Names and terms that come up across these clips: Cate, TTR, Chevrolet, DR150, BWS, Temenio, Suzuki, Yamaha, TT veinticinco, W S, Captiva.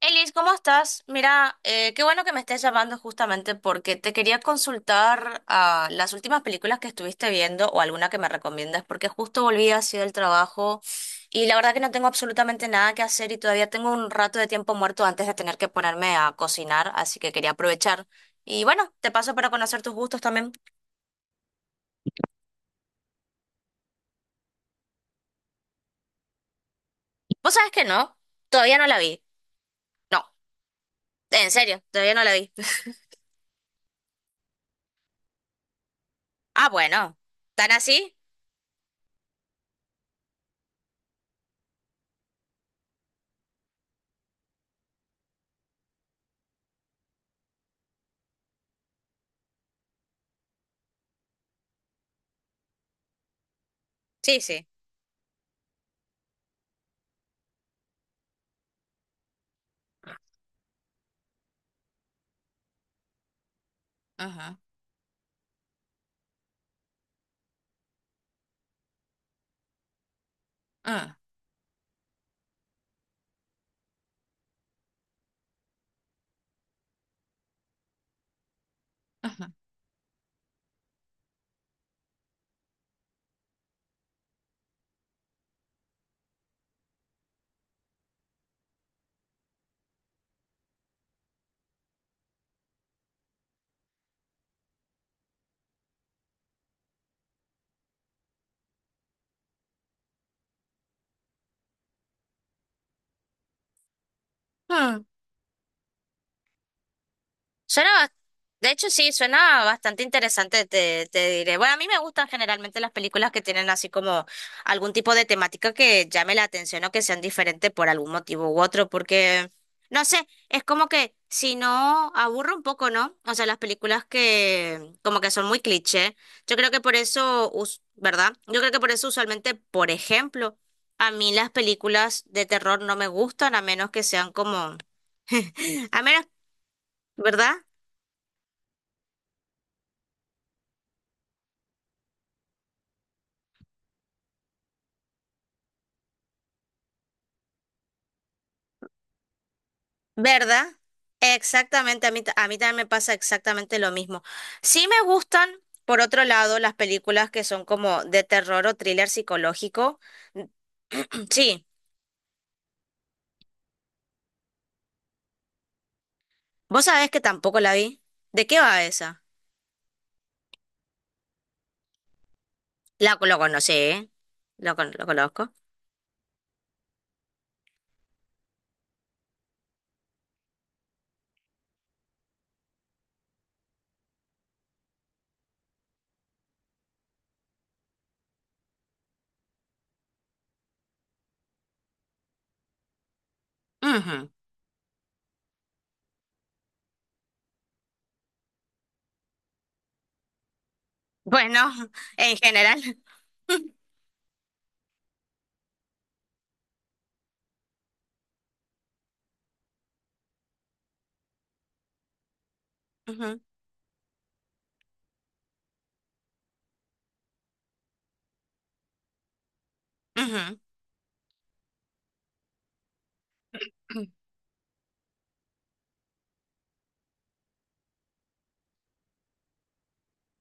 Elis, ¿cómo estás? Mira, qué bueno que me estés llamando justamente porque te quería consultar las últimas películas que estuviste viendo o alguna que me recomiendas, porque justo volví así del trabajo y la verdad que no tengo absolutamente nada que hacer y todavía tengo un rato de tiempo muerto antes de tener que ponerme a cocinar, así que quería aprovechar. Y bueno, te paso para conocer tus gustos también. ¿Vos sabés que no? Todavía no la vi. No, en serio, todavía no la vi. Ah, bueno, ¿tan así? Sí, sí. Ajá. Mm. Suena, bas- de hecho sí, suena bastante interesante, te diré. Bueno, a mí me gustan generalmente las películas que tienen así como algún tipo de temática que llame la atención o que sean diferentes por algún motivo u otro, porque no sé, es como que si no, aburre un poco, ¿no? O sea, las películas que como que son muy cliché. Yo creo que por eso, us- ¿Verdad? Yo creo que por eso usualmente, por ejemplo, a mí las películas de terror no me gustan a menos que sean como, a menos, ¿verdad? ¿Verdad? Exactamente, a mí también me pasa exactamente lo mismo. Sí me gustan, por otro lado, las películas que son como de terror o thriller psicológico. Sí, vos sabés que tampoco la vi. ¿De qué va esa? Lo conocí, ¿eh? Lo conozco. Ujú. Bueno, en general. Ujú, ujú.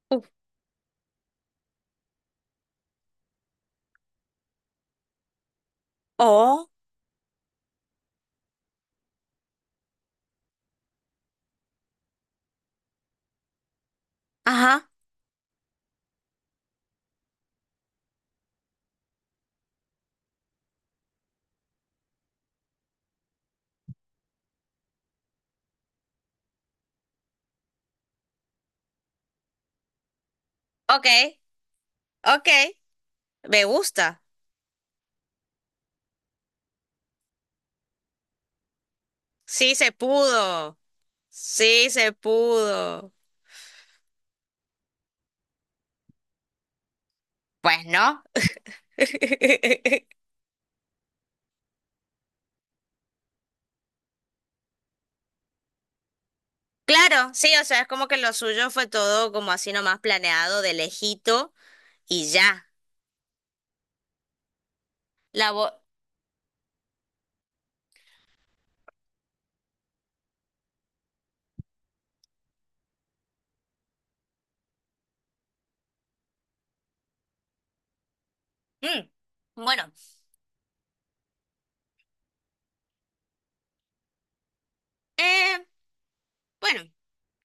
Uf. Oh, ajá. Ok, ok. Me gusta. Sí se pudo. Sí se pudo. Pues no. Claro, sí, o sea, es como que lo suyo fue todo como así nomás planeado de lejito y ya. La voz... Bueno, eh, bueno.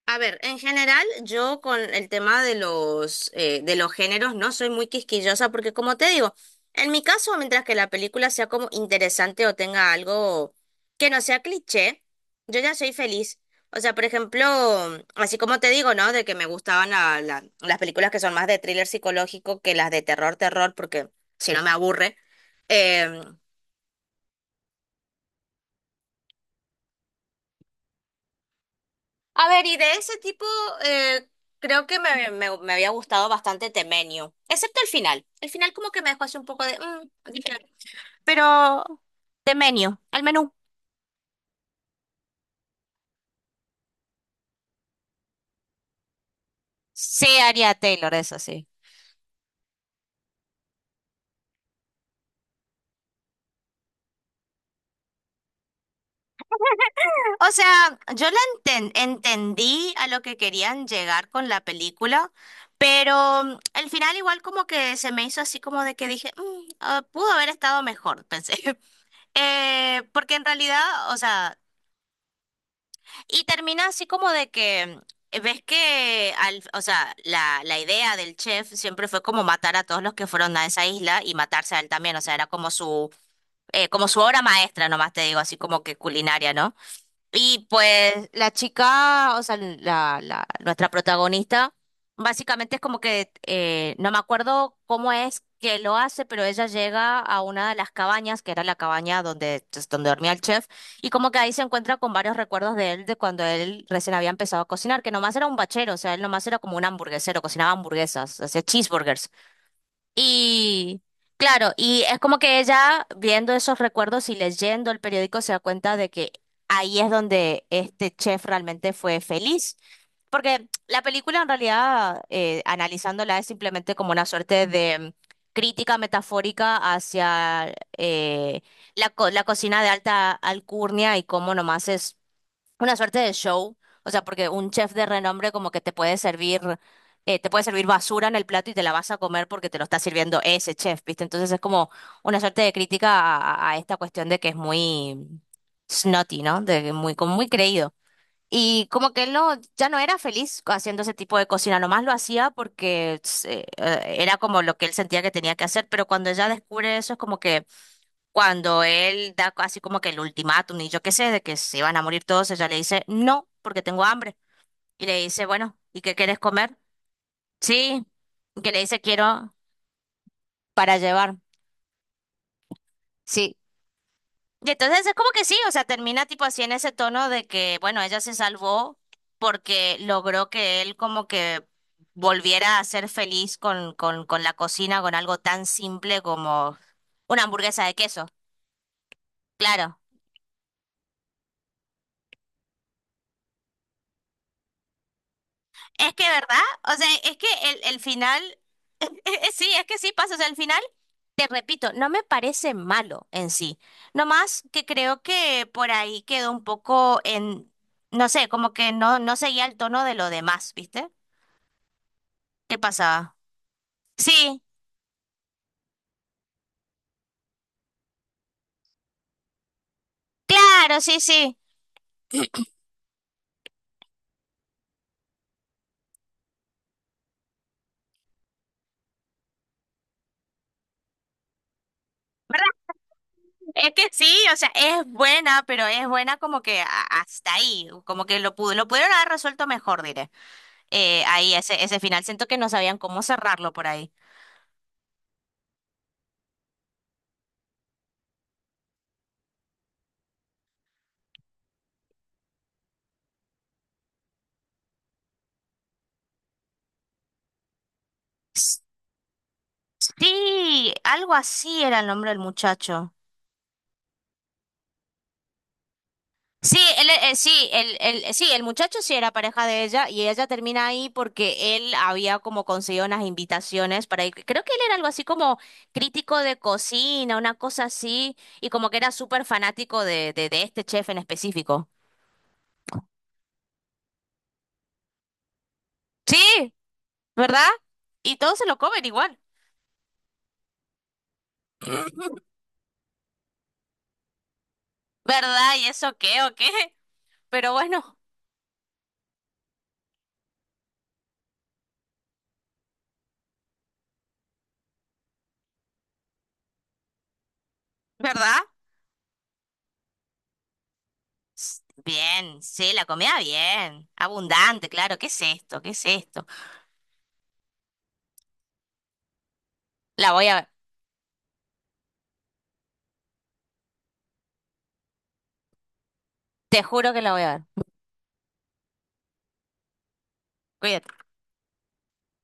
A ver, en general, yo con el tema de de los géneros no soy muy quisquillosa porque, como te digo, en mi caso, mientras que la película sea como interesante o tenga algo que no sea cliché, yo ya soy feliz. O sea, por ejemplo, así como te digo, ¿no? De que me gustaban la- la- las películas que son más de thriller psicológico que las de terror, terror, porque si no me aburre. Em, A ver, y de ese tipo, eh, creo que me había gustado bastante Temenio, excepto el final. El final como que me dejó así un poco de... dije, pero Temenio, al menú. Sí, Aria Taylor, eso sí. O sea, yo entendí a lo que querían llegar con la película, pero el final igual como que se me hizo así como de que dije, "Mm, ah, pudo haber estado mejor, pensé". Porque en realidad, o sea... Y termina así como de que ves que o sea, la idea del chef siempre fue como matar a todos los que fueron a esa isla y matarse a él también. O sea, era como su obra maestra, nomás te digo, así como que culinaria, ¿no? Y pues la chica, o sea, nuestra protagonista, básicamente es como que, no me acuerdo cómo es que lo hace, pero ella llega a una de las cabañas, que era la cabaña donde, pues, donde dormía el chef, y como que ahí se encuentra con varios recuerdos de él, de cuando él recién había empezado a cocinar, que nomás era un bachero, o sea, él nomás era como un hamburguesero, cocinaba hamburguesas, hacía cheeseburgers. Y claro, y es como que ella viendo esos recuerdos y leyendo el periódico se da cuenta de que ahí es donde este chef realmente fue feliz. Porque la película en realidad, analizándola, es simplemente como una suerte de crítica metafórica hacia la cocina de alta alcurnia y cómo nomás es una suerte de show, o sea, porque un chef de renombre como que te puede servir basura en el plato y te la vas a comer porque te lo está sirviendo ese chef, ¿viste? Entonces es como una suerte de crítica a esta cuestión de que es muy snotty, ¿no? De que muy, como muy creído. Y como que él no, ya no era feliz haciendo ese tipo de cocina, nomás lo hacía porque era como lo que él sentía que tenía que hacer, pero cuando ella descubre eso es como que cuando él da así como que el ultimátum y yo qué sé, de que se iban a morir todos, ella le dice, no, porque tengo hambre. Y le dice, bueno, ¿y qué quieres comer? Sí. Y que le dice, quiero para llevar. Sí. Y entonces es como que sí, o sea, termina tipo así en ese tono de que, bueno, ella se salvó porque logró que él como que volviera a ser feliz con la cocina, con algo tan simple como una hamburguesa de queso. Claro. Es que, ¿verdad? O sea, es que el final, sí, es que sí pasa. O sea, el final, te repito, no me parece malo en sí. Nomás que creo que por ahí quedó un poco en, no sé, como que no, no seguía el tono de lo demás, ¿viste? ¿Qué pasaba? Sí, claro, sí, sí. ¿Verdad? Es que sí, o sea, es buena, pero es buena como que hasta ahí, como que lo pudo, lo pudieron haber resuelto mejor, diré. Ese final, siento que no sabían cómo cerrarlo por ahí. Sí, algo así era el nombre del muchacho. Sí, él, sí, el, Sí, el muchacho sí era pareja de ella y ella termina ahí porque él había como conseguido unas invitaciones para ir. Creo que él era algo así como crítico de cocina, una cosa así, y como que era súper fanático de este chef en específico. Sí, ¿verdad? Y todos se lo comen igual. ¿Verdad? ¿Y eso qué o qué? Pero bueno, ¿verdad? S- Bien, sí, la comida bien. Abundante, claro. ¿Qué es esto? ¿Qué es esto? La voy a ver. Te juro que la voy a ver. Cuídate.